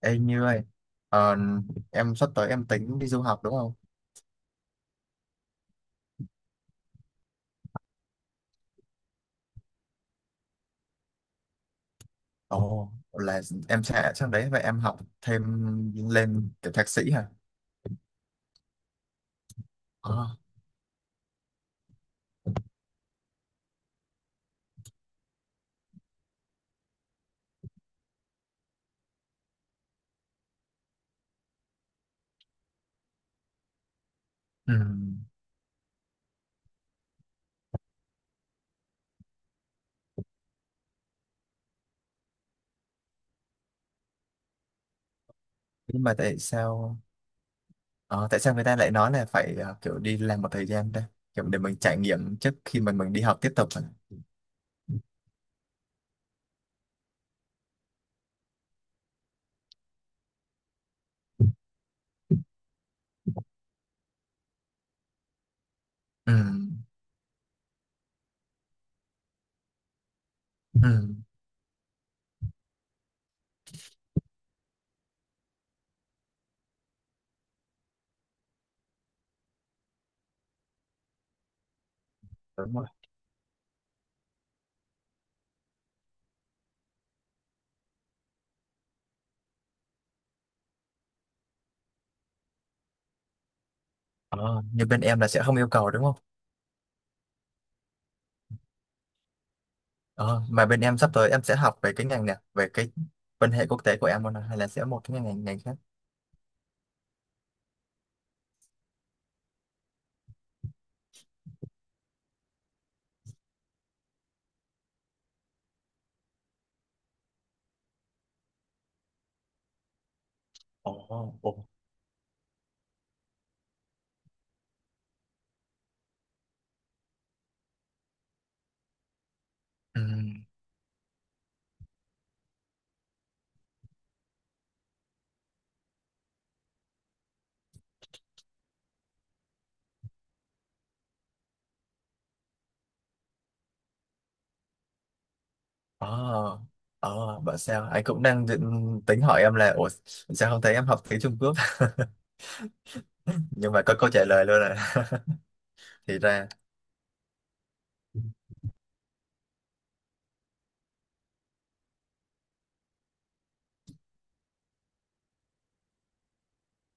Ê Như ơi, ờ, em sắp tới em tính đi du học đúng không? Ồ, là em sẽ sang đấy và em học thêm lên kiểu thạc sĩ hả? Ờ, ừ. Nhưng mà tại sao ờ, tại sao người ta lại nói là phải ờ, kiểu đi làm một thời gian ta? Kiểu để mình trải nghiệm trước khi mình đi học tiếp tục hả? Ừ. Ừ. Đúng rồi. Ờ, như bên em là sẽ không yêu cầu đúng không? Ờ, mà bên em sắp tới em sẽ học về cái ngành này, về cái quan hệ quốc tế của em luôn à, hay là sẽ một cái ngành ngành khác? Ồ, ồ. Ừ. ờ ờ, bảo sao anh cũng đang định tính hỏi em là ủa sao không thấy em học tiếng Trung Quốc nhưng mà có câu trả lời luôn rồi. Thì ra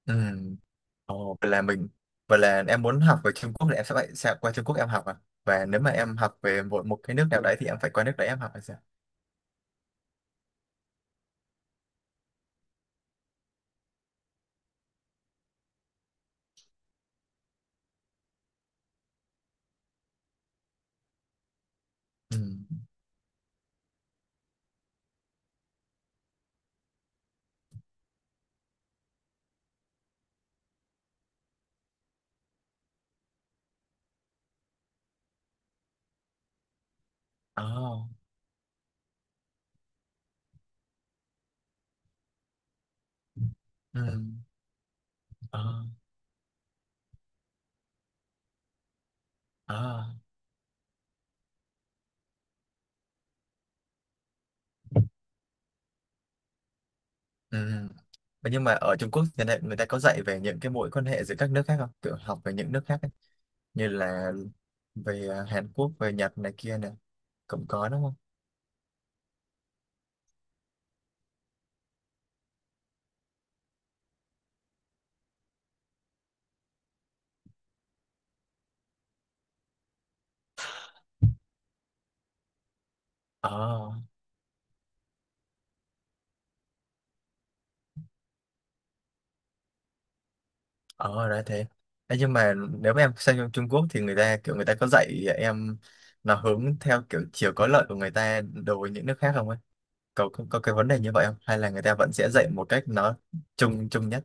ừ. Ồ, vậy là em muốn học về Trung Quốc thì em sẽ phải sẽ qua Trung Quốc em học à, và nếu mà em học về một một cái nước nào đấy thì em phải qua nước đấy em học hay sao? Ừ. Ờ. Ừ. Ờ. Ờ. Ừ. Vậy nhưng mà ở Trung Quốc thì người ta có dạy về những cái mối quan hệ giữa các nước khác không? Kiểu học về những nước khác như là về à, Hàn Quốc, về Nhật này kia nè, cũng có đúng không? Ờ. Ờ ra thế. Ê, nhưng mà nếu mà em sang trong Trung Quốc thì người ta có dạy em nó hướng theo kiểu chiều có lợi của người ta đối với những nước khác không ấy? Có, có cái vấn đề như vậy không hay là người ta vẫn sẽ dạy một cách nó chung chung nhất?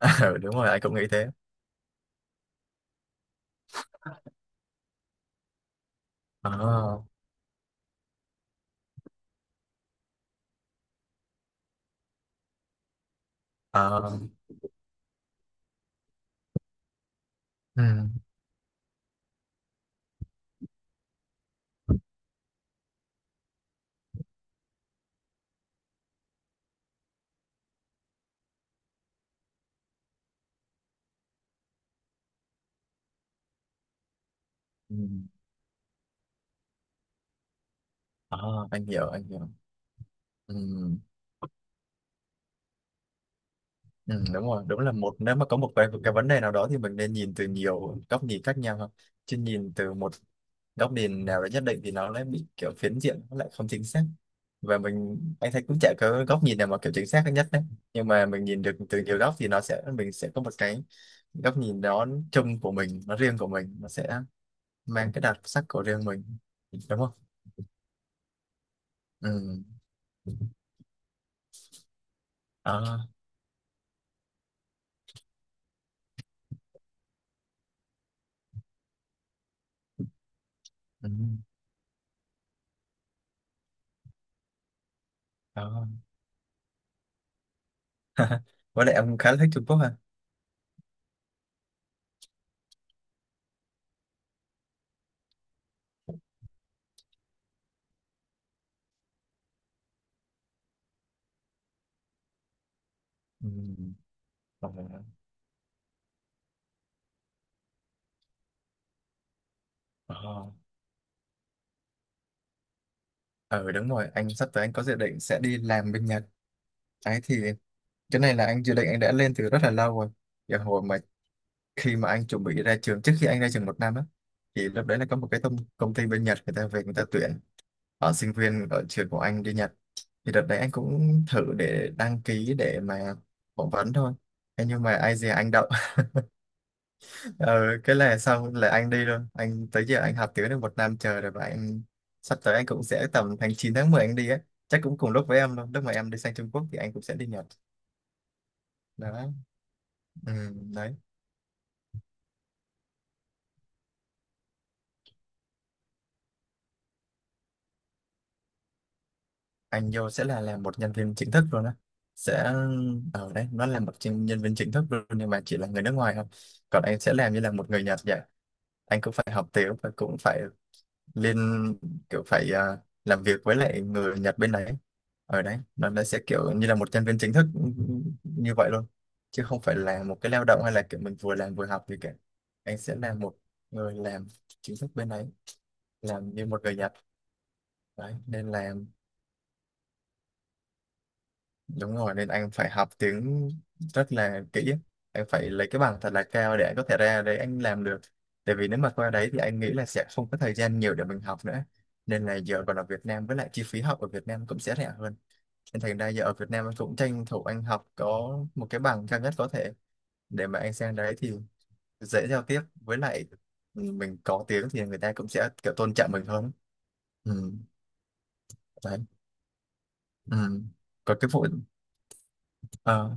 Ừ, đúng rồi, anh cũng nghĩ thế. Ờ. Ờ. Ừ. Ừ. Ờ, anh hiểu, anh hiểu. Ừ. Ừ, đúng rồi, đúng là một nếu mà có một cái vấn đề nào đó thì mình nên nhìn từ nhiều góc nhìn khác nhau không? Chứ nhìn từ một góc nhìn nào đó nhất định thì nó lại bị kiểu phiến diện, nó lại không chính xác. Và mình anh thấy cũng chả có góc nhìn nào mà kiểu chính xác nhất đấy. Nhưng mà mình nhìn được từ nhiều góc thì nó sẽ mình sẽ có một cái góc nhìn đó chung của mình, nó riêng của mình, nó sẽ mang cái đặc sắc của riêng mình, đúng không? Ừ. Đó. Ừ. Đó. Với lại ông khá là thích Trung Quốc hả? Ừ. Ờ. Ờ. Ừ, đúng rồi, anh sắp tới anh có dự định sẽ đi làm bên Nhật. Đấy thì cái này là anh dự định anh đã lên từ rất là lâu rồi. Giờ hồi mà khi mà anh chuẩn bị ra trường, trước khi anh ra trường một năm á, thì lúc đấy là có một cái công ty bên Nhật người ta về người ta tuyển ở sinh viên ở trường của anh đi Nhật. Thì đợt đấy anh cũng thử để đăng ký để mà phỏng vấn thôi. Thế nhưng mà ai dè anh đậu, ừ, cái là xong là anh đi luôn, anh tới giờ anh học tiếng được một năm trời rồi và anh sắp tới anh cũng sẽ tầm tháng 9 tháng 10 anh đi á, chắc cũng cùng lúc với em luôn, lúc mà em đi sang Trung Quốc thì anh cũng sẽ đi Nhật. Đó. Ừ, đấy anh vô sẽ là làm một nhân viên chính thức luôn á, sẽ ở đấy nó là một nhân nhân viên chính thức luôn nhưng mà chỉ là người nước ngoài thôi, còn anh sẽ làm như là một người Nhật vậy, anh cũng phải học tiếng và cũng phải lên kiểu phải làm việc với lại người Nhật bên đấy, ở đấy nó sẽ kiểu như là một nhân viên chính thức, ừ, như vậy luôn, chứ không phải là một cái lao động hay là kiểu mình vừa làm vừa học gì cả, anh sẽ là một người làm chính thức bên đấy, làm như một người Nhật. Đấy nên là đúng rồi, nên anh phải học tiếng rất là kỹ, anh phải lấy cái bằng thật là cao để anh có thể ra đấy anh làm được, tại vì nếu mà qua đấy thì anh nghĩ là sẽ không có thời gian nhiều để mình học nữa, nên là giờ còn ở Việt Nam với lại chi phí học ở Việt Nam cũng sẽ rẻ hơn, nên thành ra giờ ở Việt Nam anh cũng tranh thủ anh học có một cái bằng cao nhất có thể để mà anh sang đấy thì dễ giao tiếp, với lại mình có tiếng thì người ta cũng sẽ kiểu tôn trọng mình hơn. Ừ. Đấy. Ừ. Còn cái vụ ờ,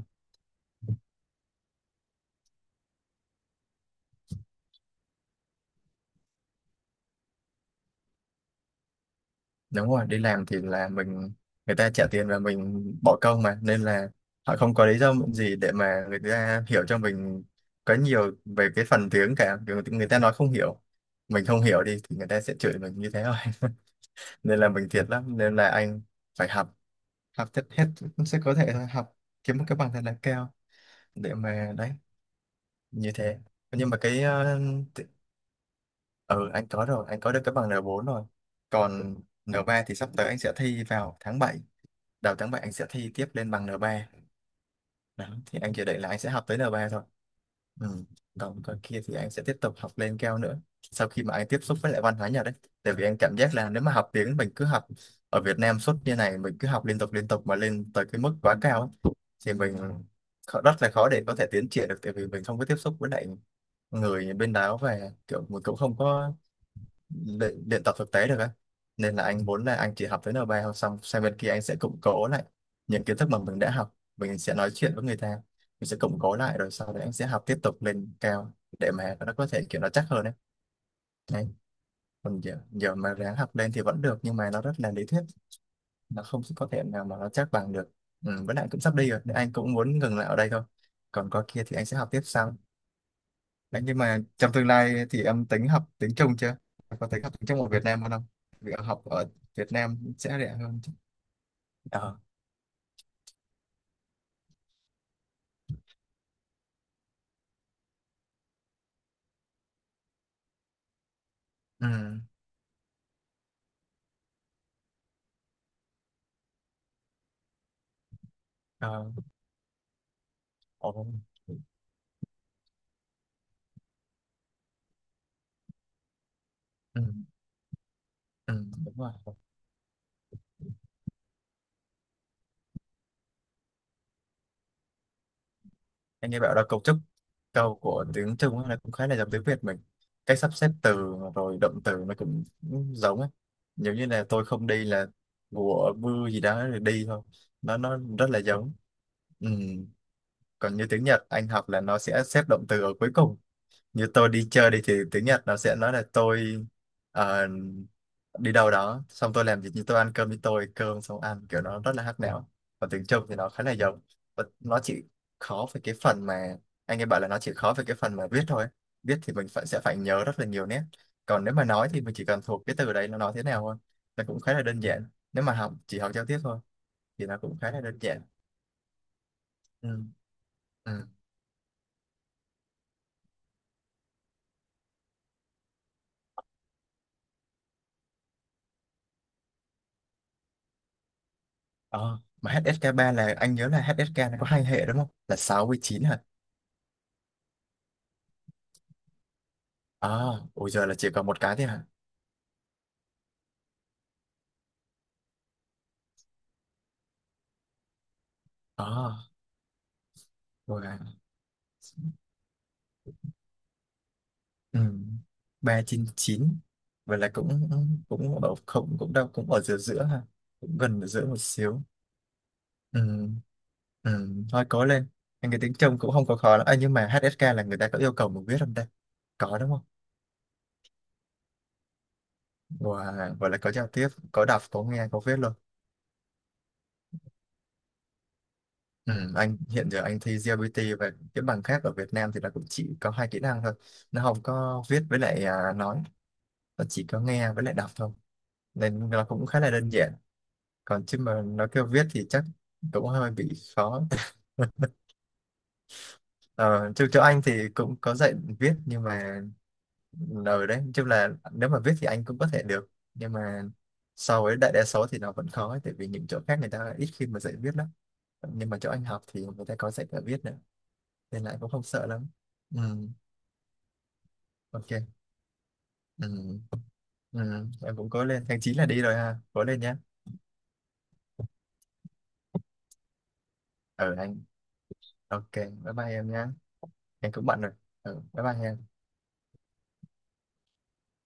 đúng rồi, đi làm thì là mình, người ta trả tiền và mình bỏ công mà, nên là họ không có lý do gì để mà người ta hiểu cho mình có nhiều về cái phần tiếng cả. Kiểu người ta nói không hiểu, mình không hiểu đi thì người ta sẽ chửi mình như thế thôi. Nên là mình thiệt lắm, nên là anh phải học, học tất hết, sẽ có thể là học kiếm một cái bằng thật là cao để mà đấy như thế. Nhưng mà cái t- ừ anh có rồi, anh có được cái bằng N4 rồi, còn N3 thì sắp tới anh sẽ thi vào tháng bảy, đầu tháng 7 anh sẽ thi tiếp lên bằng N3. Đó, thì anh dự định là anh sẽ học tới N3 thôi. Ừ. Còn còn kia thì anh sẽ tiếp tục học lên cao nữa sau khi mà anh tiếp xúc với lại văn hóa Nhật đấy, tại vì anh cảm giác là nếu mà học tiếng mình cứ học ở Việt Nam suốt như này, mình cứ học liên tục mà lên tới cái mức quá cao ấy, thì mình rất là khó để có thể tiến triển được, tại vì mình không có tiếp xúc với lại người bên đó và kiểu mình cũng không có luyện tập thực tế được ấy, nên là anh muốn là anh chỉ học tới N3 thôi, xong sang bên kia anh sẽ củng cố lại những kiến thức mà mình đã học, mình sẽ nói chuyện với người ta, mình sẽ củng cố lại rồi sau đấy anh sẽ học tiếp tục lên cao để mà nó có thể kiểu nó chắc hơn đấy. Đấy. Còn giờ mà ráng học lên thì vẫn được nhưng mà nó rất là lý thuyết, nó không có thể nào mà nó chắc bằng được. Ừ, với lại cũng sắp đi rồi nên anh cũng muốn ngừng lại ở đây thôi, còn qua kia thì anh sẽ học tiếp sau. Đấy, nhưng mà trong tương lai thì em tính học tiếng Trung chưa? Có tính học tiếng Trung ở Việt Nam hơn không? Việc học ở Việt Nam sẽ rẻ hơn chứ. Ờ. Ừ. Ờ. Ồ. Ừ. Ừ. Đúng rồi. Anh nghe bảo là cấu trúc câu của tiếng Trung ấy là cũng khá là giống tiếng Việt mình. Cách sắp xếp từ rồi động từ nó cũng giống ấy. Giống như là tôi không đi là của mưa gì đó rồi đi thôi. Nó rất là giống. Ừ. Còn như tiếng Nhật anh học là nó sẽ xếp động từ ở cuối cùng, như tôi đi chơi đi thì tiếng Nhật nó sẽ nói là tôi ờ, đi đâu đó xong tôi làm việc, như tôi ăn cơm với tôi cơm xong ăn, kiểu nó rất là hát nẻo, còn tiếng Trung thì nó khá là giống. Và nó chỉ khó về cái phần mà anh ấy bảo là nó chỉ khó về cái phần mà viết thôi, viết thì mình phải sẽ phải nhớ rất là nhiều nét, còn nếu mà nói thì mình chỉ cần thuộc cái từ đấy nó nói thế nào thôi, nó cũng khá là đơn giản, nếu mà học chỉ học giao tiếp thôi thì nó cũng khá là đơn giản. Ừ. Ừ. Ờ, mà HSK ba là anh nhớ là HSK nó có hai hệ đúng không, là 6 với 9? À, ôi giờ là chỉ còn một cái thế hả? À rồi à. Ừ. Ba trên chín, vậy là cũng cũng ở không cũng đâu cũng ở giữa giữa ha, cũng gần ở giữa một xíu. Ừ. Ừ, thôi cố lên. Anh cái tiếng trông cũng không có khó lắm, à, nhưng mà HSK là người ta có yêu cầu mình viết không ta? Có đúng không? Wow, vậy là có giao tiếp, có đọc, có nghe, có viết luôn. Ừ. Anh hiện giờ anh thi GLBT và cái bằng khác ở Việt Nam thì nó cũng chỉ có hai kỹ năng thôi, nó không có viết với lại nói, nó chỉ có nghe với lại đọc thôi, nên nó cũng khá là đơn giản. Còn chứ mà nó kêu viết thì chắc cũng hơi bị khó. Ờ, chứ chỗ anh thì cũng có dạy viết, nhưng mà ở đấy chung là nếu mà viết thì anh cũng có thể được, nhưng mà so với đại đa số thì nó vẫn khó ấy, tại vì những chỗ khác người ta ít khi mà dạy viết lắm, nhưng mà chỗ anh học thì người ta có dạy cả viết nữa, nên lại cũng không sợ lắm. Ừ, ok. Ừ, ừ, em cũng cố lên, tháng 9 là đi rồi ha, cố lên nhé. Ở anh. Ok, bye bye em nhé. Anh cũng bận rồi, ừ, bye bye em.